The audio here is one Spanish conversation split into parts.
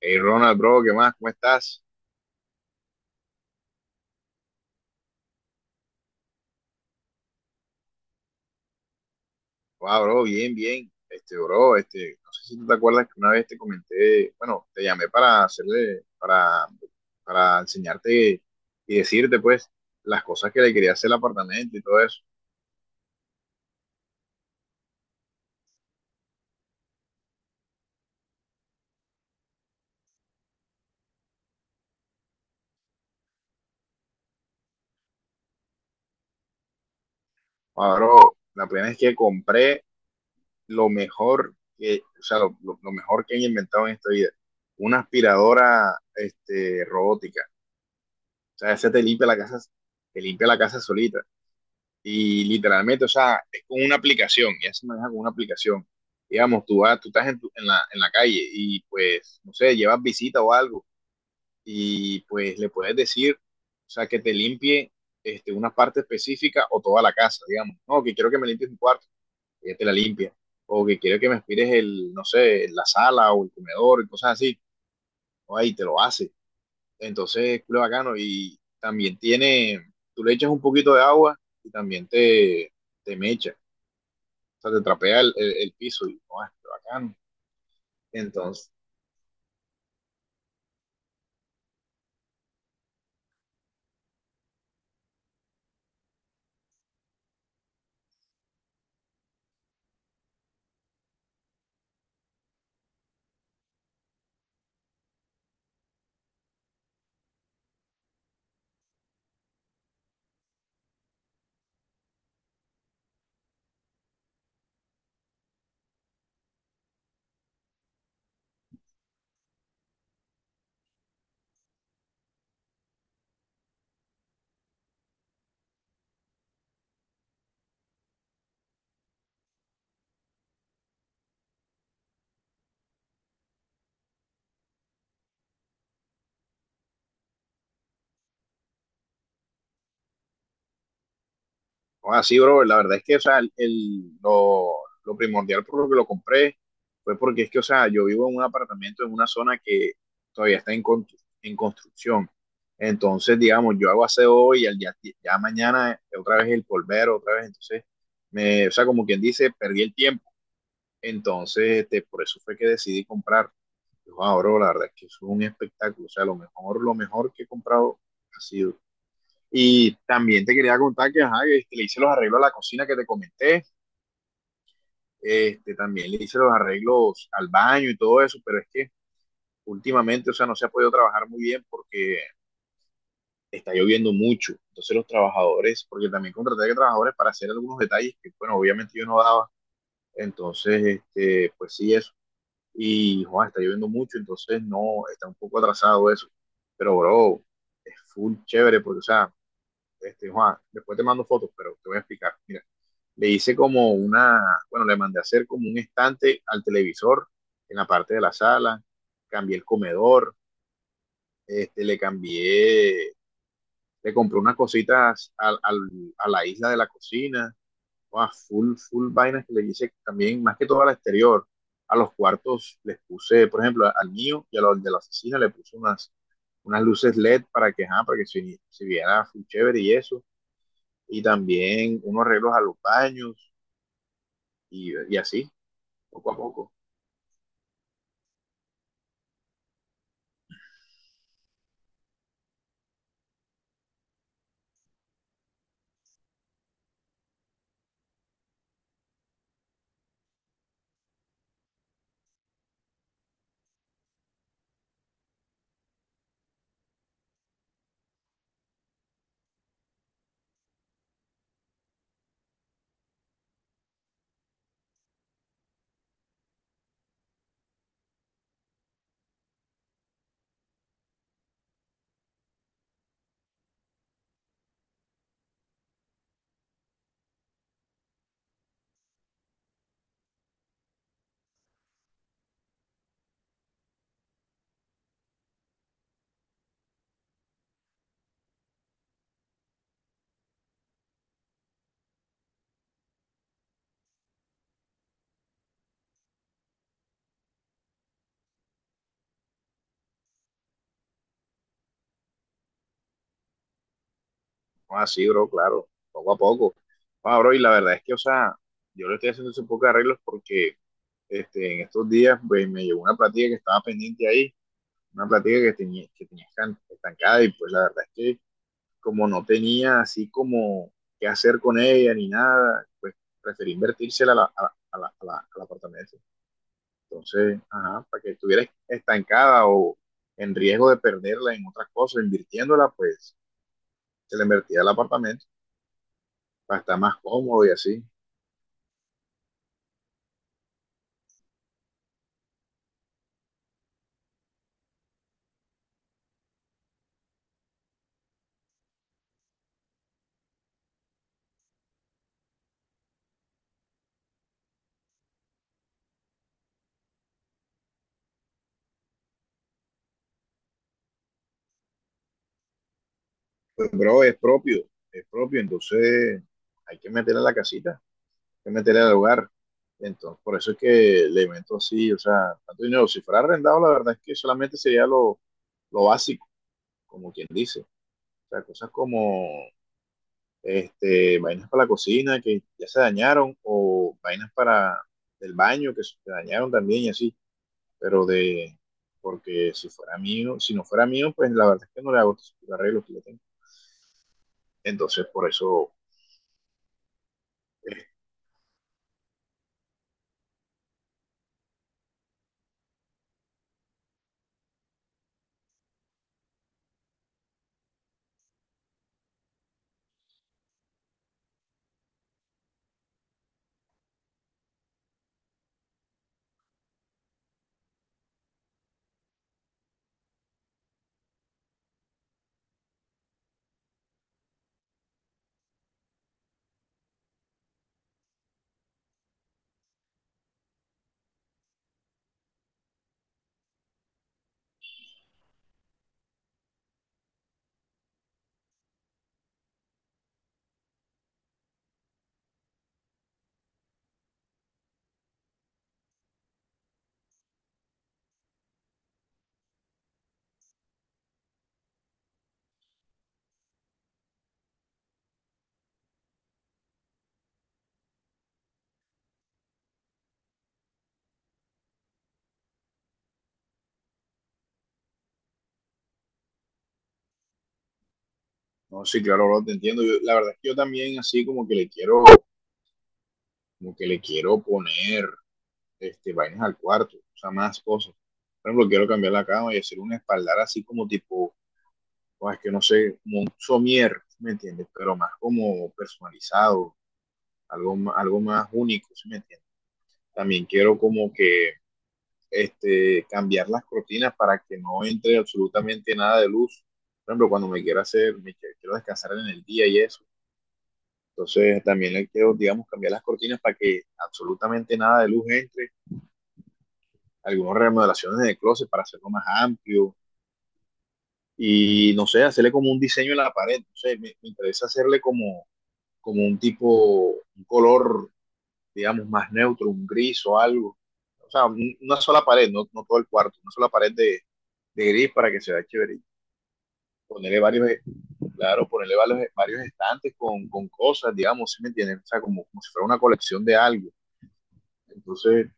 Hey Ronald, bro, ¿qué más? ¿Cómo estás? Wow, bro, bien, bien. Este, bro, este, no sé si tú te acuerdas que una vez te comenté, bueno, te llamé para enseñarte y decirte, pues, las cosas que le quería hacer al apartamento y todo eso. Wow, bro, la plena es que compré lo mejor que, o sea, lo mejor que han inventado en esta vida. Una aspiradora, este, robótica. O sea, esa te limpia la casa, te limpia la casa solita. Y literalmente, o sea, es con una aplicación, ya se maneja con una aplicación. Digamos, tú vas, tú estás en la calle y pues, no sé, llevas visita o algo y pues le puedes decir, o sea, que te limpie este, una parte específica o toda la casa, digamos. No, que quiero que me limpies mi cuarto, ella te la limpia. O que quiero que me aspires el, no sé, la sala o el comedor y cosas así. O ahí te lo hace. Entonces, culo bacano. Y también tiene, tú le echas un poquito de agua y también te mecha sea, te trapea el piso y, oh, qué bacano. Entonces, oh, así, bro, la verdad es que, o sea, lo primordial por lo que lo compré fue porque es que, o sea, yo vivo en un apartamento en una zona que todavía está en construcción. Entonces, digamos, yo hago aseo hoy y ya mañana otra vez el polvero, otra vez. Entonces, o sea, como quien dice, perdí el tiempo. Entonces, este, por eso fue que decidí comprar. Yo, ah, bro, la verdad es que es un espectáculo. O sea, lo mejor que he comprado ha sido. Y también te quería contar que ajá, este, le hice los arreglos a la cocina que te comenté, este, también le hice los arreglos al baño y todo eso, pero es que últimamente, o sea, no se ha podido trabajar muy bien porque está lloviendo mucho. Entonces los trabajadores, porque también contraté a trabajadores para hacer algunos detalles que, bueno, obviamente yo no daba. Entonces, este, pues sí, eso. Y, Juan, está lloviendo mucho, entonces no, está un poco atrasado eso. Pero, bro, es full chévere, porque, o sea, este, Juan, después te mando fotos, pero te voy a explicar. Mira. Le hice como una, bueno, le mandé a hacer como un estante al televisor en la parte de la sala, cambié el comedor, este, le cambié, le compré unas cositas a la isla de la cocina, wow, full, full vainas que le hice también, más que todo al exterior. A los cuartos les puse, por ejemplo, al mío y a los de la oficina le puse unas luces LED para que, ajá, para que se viera full chévere y eso. Y también unos arreglos a los baños y así, poco a poco. No, así, bro, claro, poco a poco. Ah, bro, y la verdad es que, o sea, yo le estoy haciendo un poco de arreglos porque este, en estos días pues, me llegó una platica que estaba pendiente ahí, una platica estancada y pues la verdad es que como no tenía así como qué hacer con ella ni nada, pues preferí invertírsela a la apartamento. Entonces, ajá, para que estuviera estancada o en riesgo de perderla en otras cosas, invirtiéndola, pues se la invertía al apartamento para estar más cómodo y así. Bro, es propio, entonces hay que meterle a la casita, hay que meterle al hogar. Entonces, por eso es que le meto así, o sea, tanto dinero. Si fuera arrendado, la verdad es que solamente sería lo básico, como quien dice. O sea, cosas como este, vainas para la cocina que ya se dañaron, o vainas para el baño que se dañaron también y así. Pero de, porque si fuera mío, si no fuera mío, pues la verdad es que no le hago los arreglos que le tengo. Entonces, por eso. No, sí, claro, bro, te entiendo. La verdad es que yo también así como que le quiero poner este, vainas al cuarto, o sea, más cosas. Por ejemplo, quiero cambiar la cama y hacer un espaldar así como tipo, o es que no sé, como un somier, ¿sí me entiendes? Pero más como personalizado, algo más único, ¿sí me entiendes? También quiero como que este, cambiar las cortinas para que no entre absolutamente nada de luz. Por ejemplo, cuando me quiero descansar en el día y eso. Entonces también le quiero, digamos, cambiar las cortinas para que absolutamente nada de luz entre, algunas remodelaciones de closet para hacerlo más amplio y no sé, hacerle como un diseño en la pared, no sé, me interesa hacerle como un tipo, un color, digamos, más neutro, un gris o algo. O sea, una sola pared, no, no todo el cuarto, una sola pared de gris para que se vea chévere. Ponerle varios, claro, ponerle varios, varios estantes con cosas, digamos, ¿si me entienden? O sea, como si fuera una colección de algo. Entonces,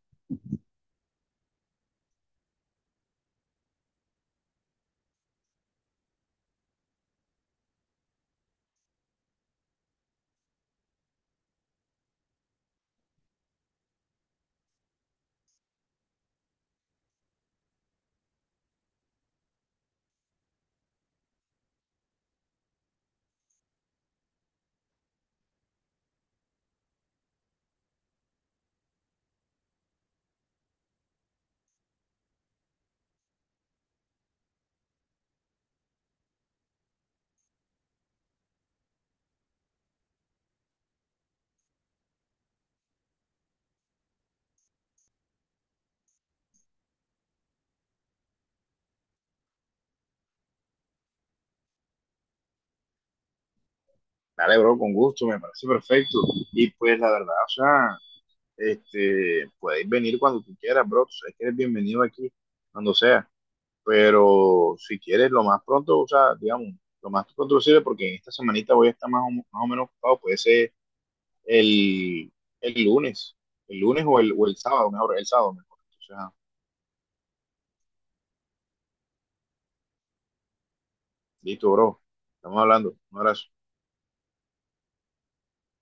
dale, bro, con gusto, me parece perfecto. Y pues la verdad, o sea, este, puedes venir cuando tú quieras, bro. Tú sabes que eres bienvenido aquí, cuando sea. Pero si quieres, lo más pronto, o sea, digamos, lo más pronto posible, porque en esta semanita voy a estar más o menos ocupado. Puede ser el, el lunes, el lunes o o el sábado, mejor, el sábado mejor. O sea, listo, bro. Estamos hablando. Un abrazo.